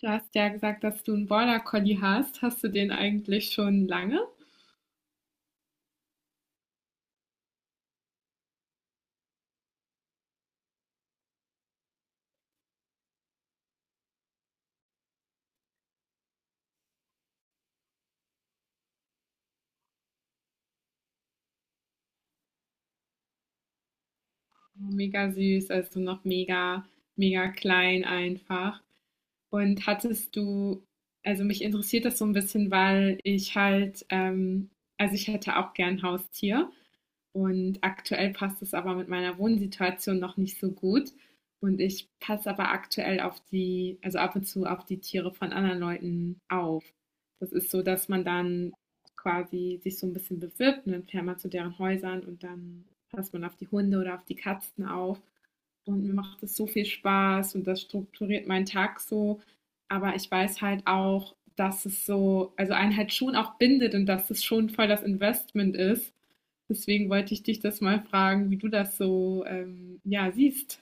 Du hast ja gesagt, dass du einen Border Collie hast. Hast du den eigentlich schon lange? Mega süß, also noch mega, mega klein einfach. Und hattest du, also mich interessiert das so ein bisschen, weil ich halt, also ich hätte auch gern Haustier. Und aktuell passt es aber mit meiner Wohnsituation noch nicht so gut. Und ich passe aber aktuell auf die, also ab und zu auf die Tiere von anderen Leuten auf. Das ist so, dass man dann quasi sich so ein bisschen bewirbt und dann fährt man zu deren Häusern und dann passt man auf die Hunde oder auf die Katzen auf. Und mir macht es so viel Spaß und das strukturiert meinen Tag so. Aber ich weiß halt auch, dass es so, also einen halt schon auch bindet und dass es schon voll das Investment ist. Deswegen wollte ich dich das mal fragen, wie du das so ja, siehst.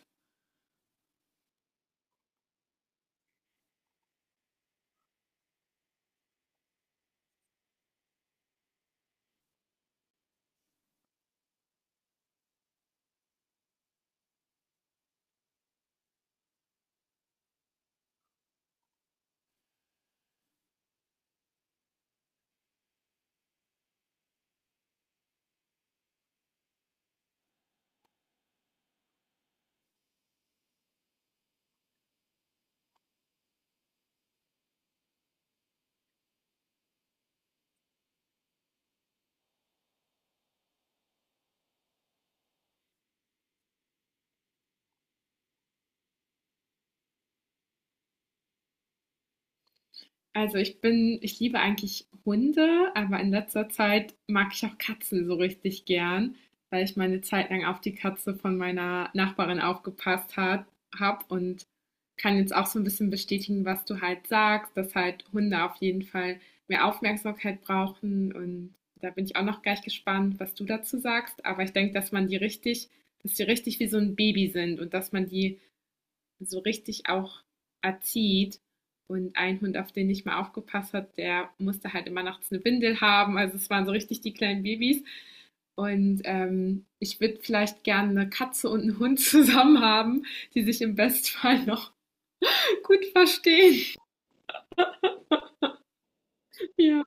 Also ich bin, ich liebe eigentlich Hunde, aber in letzter Zeit mag ich auch Katzen so richtig gern, weil ich meine Zeit lang auf die Katze von meiner Nachbarin aufgepasst hat, habe und kann jetzt auch so ein bisschen bestätigen, was du halt sagst, dass halt Hunde auf jeden Fall mehr Aufmerksamkeit brauchen und da bin ich auch noch gleich gespannt, was du dazu sagst. Aber ich denke, dass man die richtig, dass die richtig wie so ein Baby sind und dass man die so richtig auch erzieht. Und ein Hund, auf den ich mal aufgepasst hat, der musste halt immer nachts eine Windel haben. Also es waren so richtig die kleinen Babys. Und ich würde vielleicht gerne eine Katze und einen Hund zusammen haben, die sich im Bestfall noch gut verstehen. Ja.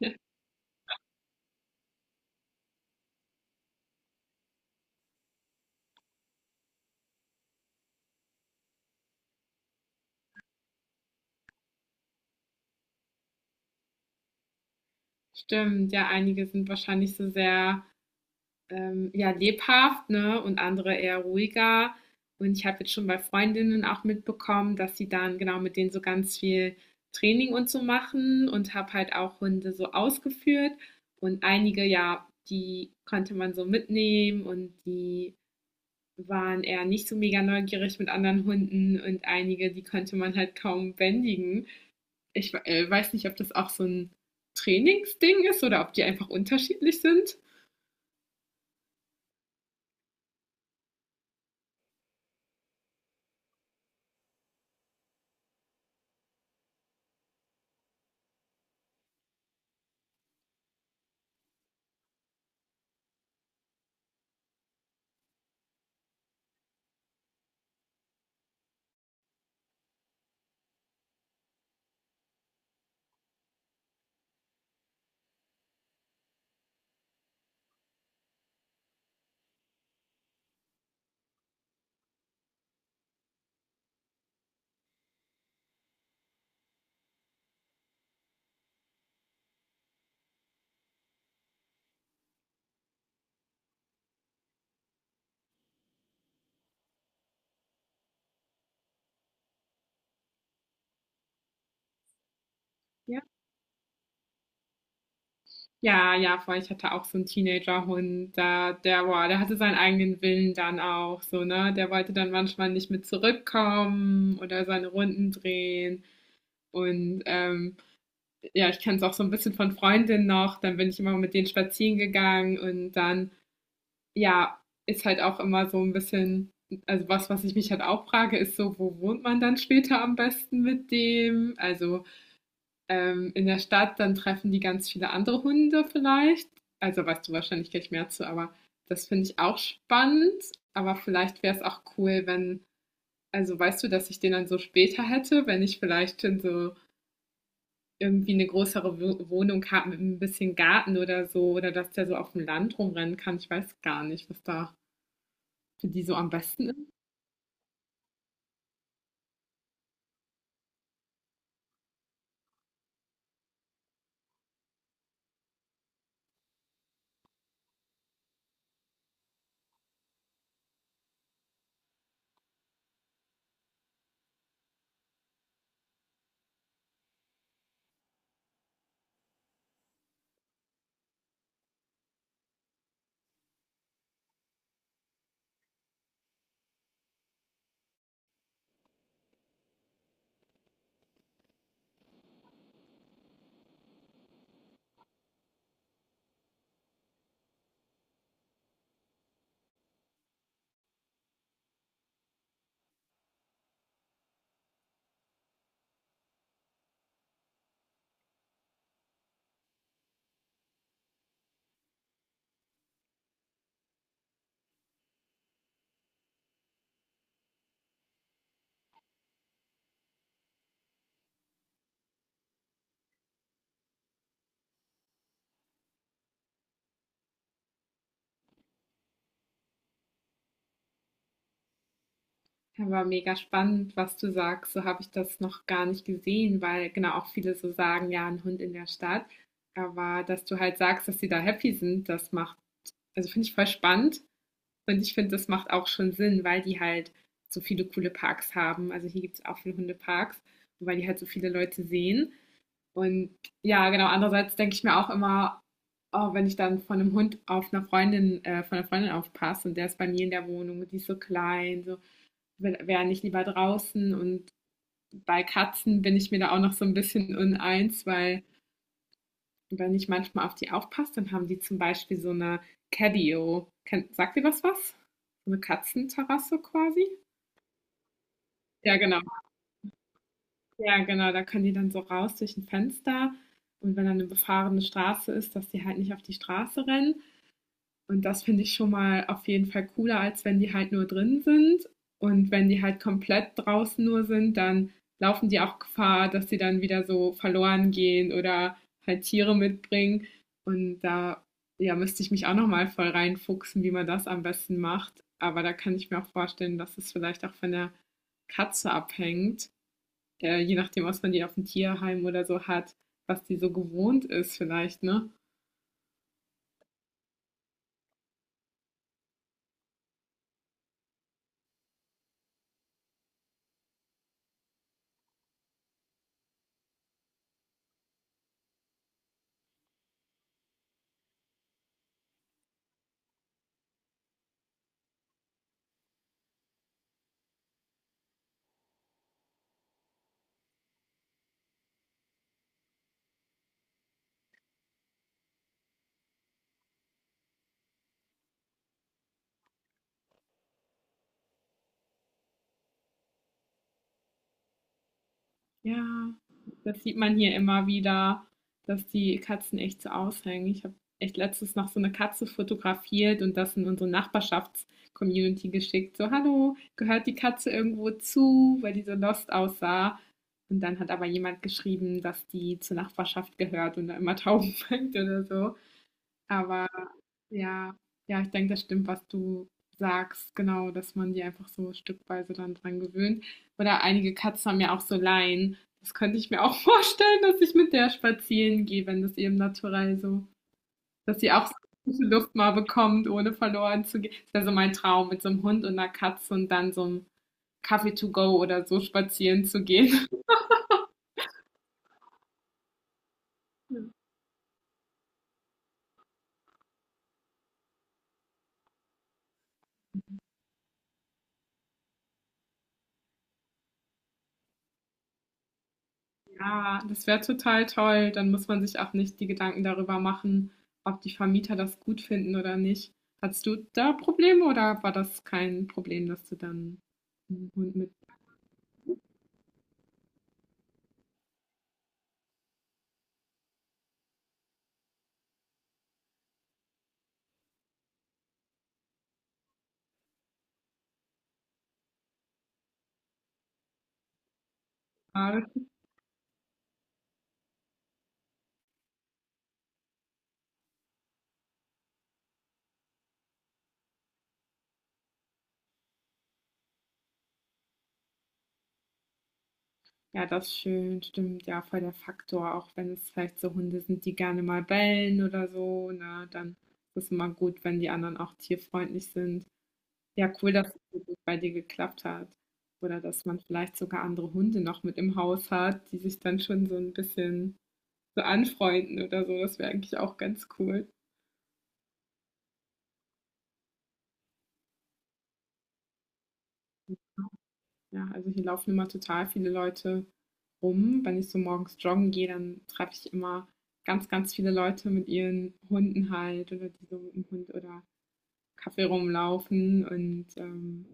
Ja, stimmt, ja, einige sind wahrscheinlich so sehr ja, lebhaft, ne, und andere eher ruhiger. Und ich habe jetzt schon bei Freundinnen auch mitbekommen, dass sie dann genau mit denen so ganz viel Training und so machen und habe halt auch Hunde so ausgeführt. Und einige, ja, die konnte man so mitnehmen und die waren eher nicht so mega neugierig mit anderen Hunden und einige, die konnte man halt kaum bändigen. Ich weiß nicht, ob das auch so ein Trainingsding ist oder ob die einfach unterschiedlich sind. Ja. Ja, ja, voll. Ich hatte auch so einen Teenagerhund, da der boah, der hatte seinen eigenen Willen dann auch so, ne? Der wollte dann manchmal nicht mit zurückkommen oder seine Runden drehen. Und, ja, ich kenn's auch so ein bisschen von Freundinnen noch, dann bin ich immer mit denen spazieren gegangen und dann, ja, ist halt auch immer so ein bisschen, also was, was ich mich halt auch frage, ist so: „Wo wohnt man dann später am besten mit dem?“ Also in der Stadt, dann treffen die ganz viele andere Hunde vielleicht. Also weißt du wahrscheinlich gleich mehr zu, aber das finde ich auch spannend. Aber vielleicht wäre es auch cool, wenn, also weißt du, dass ich den dann so später hätte, wenn ich vielleicht schon so irgendwie eine größere Wohnung habe mit ein bisschen Garten oder so, oder dass der so auf dem Land rumrennen kann. Ich weiß gar nicht, was da für die so am besten ist. Aber mega spannend, was du sagst. So habe ich das noch gar nicht gesehen, weil genau auch viele so sagen, ja, ein Hund in der Stadt. Aber dass du halt sagst, dass sie da happy sind, das macht, also finde ich voll spannend. Und ich finde, das macht auch schon Sinn, weil die halt so viele coole Parks haben. Also hier gibt es auch viele Hundeparks, und weil die halt so viele Leute sehen. Und ja, genau, andererseits denke ich mir auch immer, oh, wenn ich dann von einem Hund auf einer Freundin, von einer Freundin aufpasse und der ist bei mir in der Wohnung und die ist so klein, so, wäre nicht lieber draußen. Und bei Katzen bin ich mir da auch noch so ein bisschen uneins, weil wenn ich manchmal auf die aufpasse, dann haben die zum Beispiel so eine Catio. Sagt ihr das was? So eine Katzenterrasse quasi? Ja, genau. Ja, genau. Da können die dann so raus durch ein Fenster. Und wenn dann eine befahrene Straße ist, dass die halt nicht auf die Straße rennen. Und das finde ich schon mal auf jeden Fall cooler, als wenn die halt nur drin sind. Und wenn die halt komplett draußen nur sind, dann laufen die auch Gefahr, dass sie dann wieder so verloren gehen oder halt Tiere mitbringen. Und da, ja, müsste ich mich auch nochmal voll reinfuchsen, wie man das am besten macht. Aber da kann ich mir auch vorstellen, dass es vielleicht auch von der Katze abhängt, je nachdem, was man die auf dem Tierheim oder so hat, was die so gewohnt ist vielleicht, ne? Ja, das sieht man hier immer wieder, dass die Katzen echt so aushängen. Ich habe echt letztens noch so eine Katze fotografiert und das in unsere Nachbarschafts-Community geschickt. So: „Hallo, gehört die Katze irgendwo zu?“, weil die so lost aussah. Und dann hat aber jemand geschrieben, dass die zur Nachbarschaft gehört und da immer Tauben fängt oder so. Aber ja, ja, ich denke, das stimmt, was du sagst, genau, dass man die einfach so stückweise dann dran gewöhnt. Oder einige Katzen haben ja auch so Leinen. Das könnte ich mir auch vorstellen, dass ich mit der spazieren gehe, wenn das eben naturell so, dass sie auch so gute Luft mal bekommt, ohne verloren zu gehen. Das wäre so mein Traum, mit so einem Hund und einer Katze und dann so einem Kaffee to go oder so spazieren zu gehen. Ja, das wäre total toll. Dann muss man sich auch nicht die Gedanken darüber machen, ob die Vermieter das gut finden oder nicht. Hattest du da Probleme oder war das kein Problem, dass du dann einen Hund mit hattest? Ja, das ist schön, stimmt. Ja, voll der Faktor, auch wenn es vielleicht so Hunde sind, die gerne mal bellen oder so, ne, dann ist es immer gut, wenn die anderen auch tierfreundlich sind. Ja, cool, dass es so gut bei dir geklappt hat. Oder dass man vielleicht sogar andere Hunde noch mit im Haus hat, die sich dann schon so ein bisschen so anfreunden oder so. Das wäre eigentlich auch ganz cool. Ja, also hier laufen immer total viele Leute rum. Wenn ich so morgens joggen gehe, dann treffe ich immer ganz, ganz viele Leute mit ihren Hunden halt oder die so mit dem Hund oder Kaffee rumlaufen und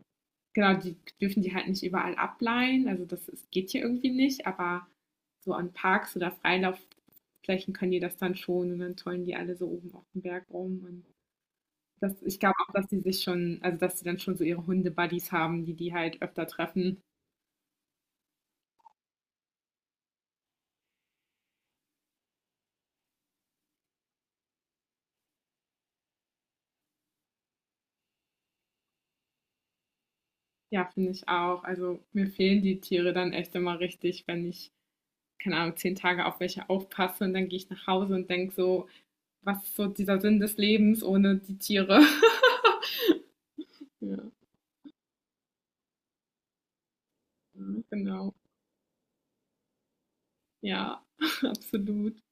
genau, die dürfen die halt nicht überall ableihen. Also das ist, geht hier irgendwie nicht, aber so an Parks oder Freilaufflächen können die das dann schon und dann tollen die alle so oben auf dem Berg rum und das, ich glaube auch, dass die sich schon, also, dass sie dann schon so ihre Hunde-Buddies haben, die die halt öfter treffen. Ja, finde ich auch. Also, mir fehlen die Tiere dann echt immer richtig, wenn ich, keine Ahnung, 10 Tage auf welche aufpasse und dann gehe ich nach Hause und denke so: „Was ist so dieser Sinn des Lebens ohne die Tiere?“ Ja, genau. Ja, absolut.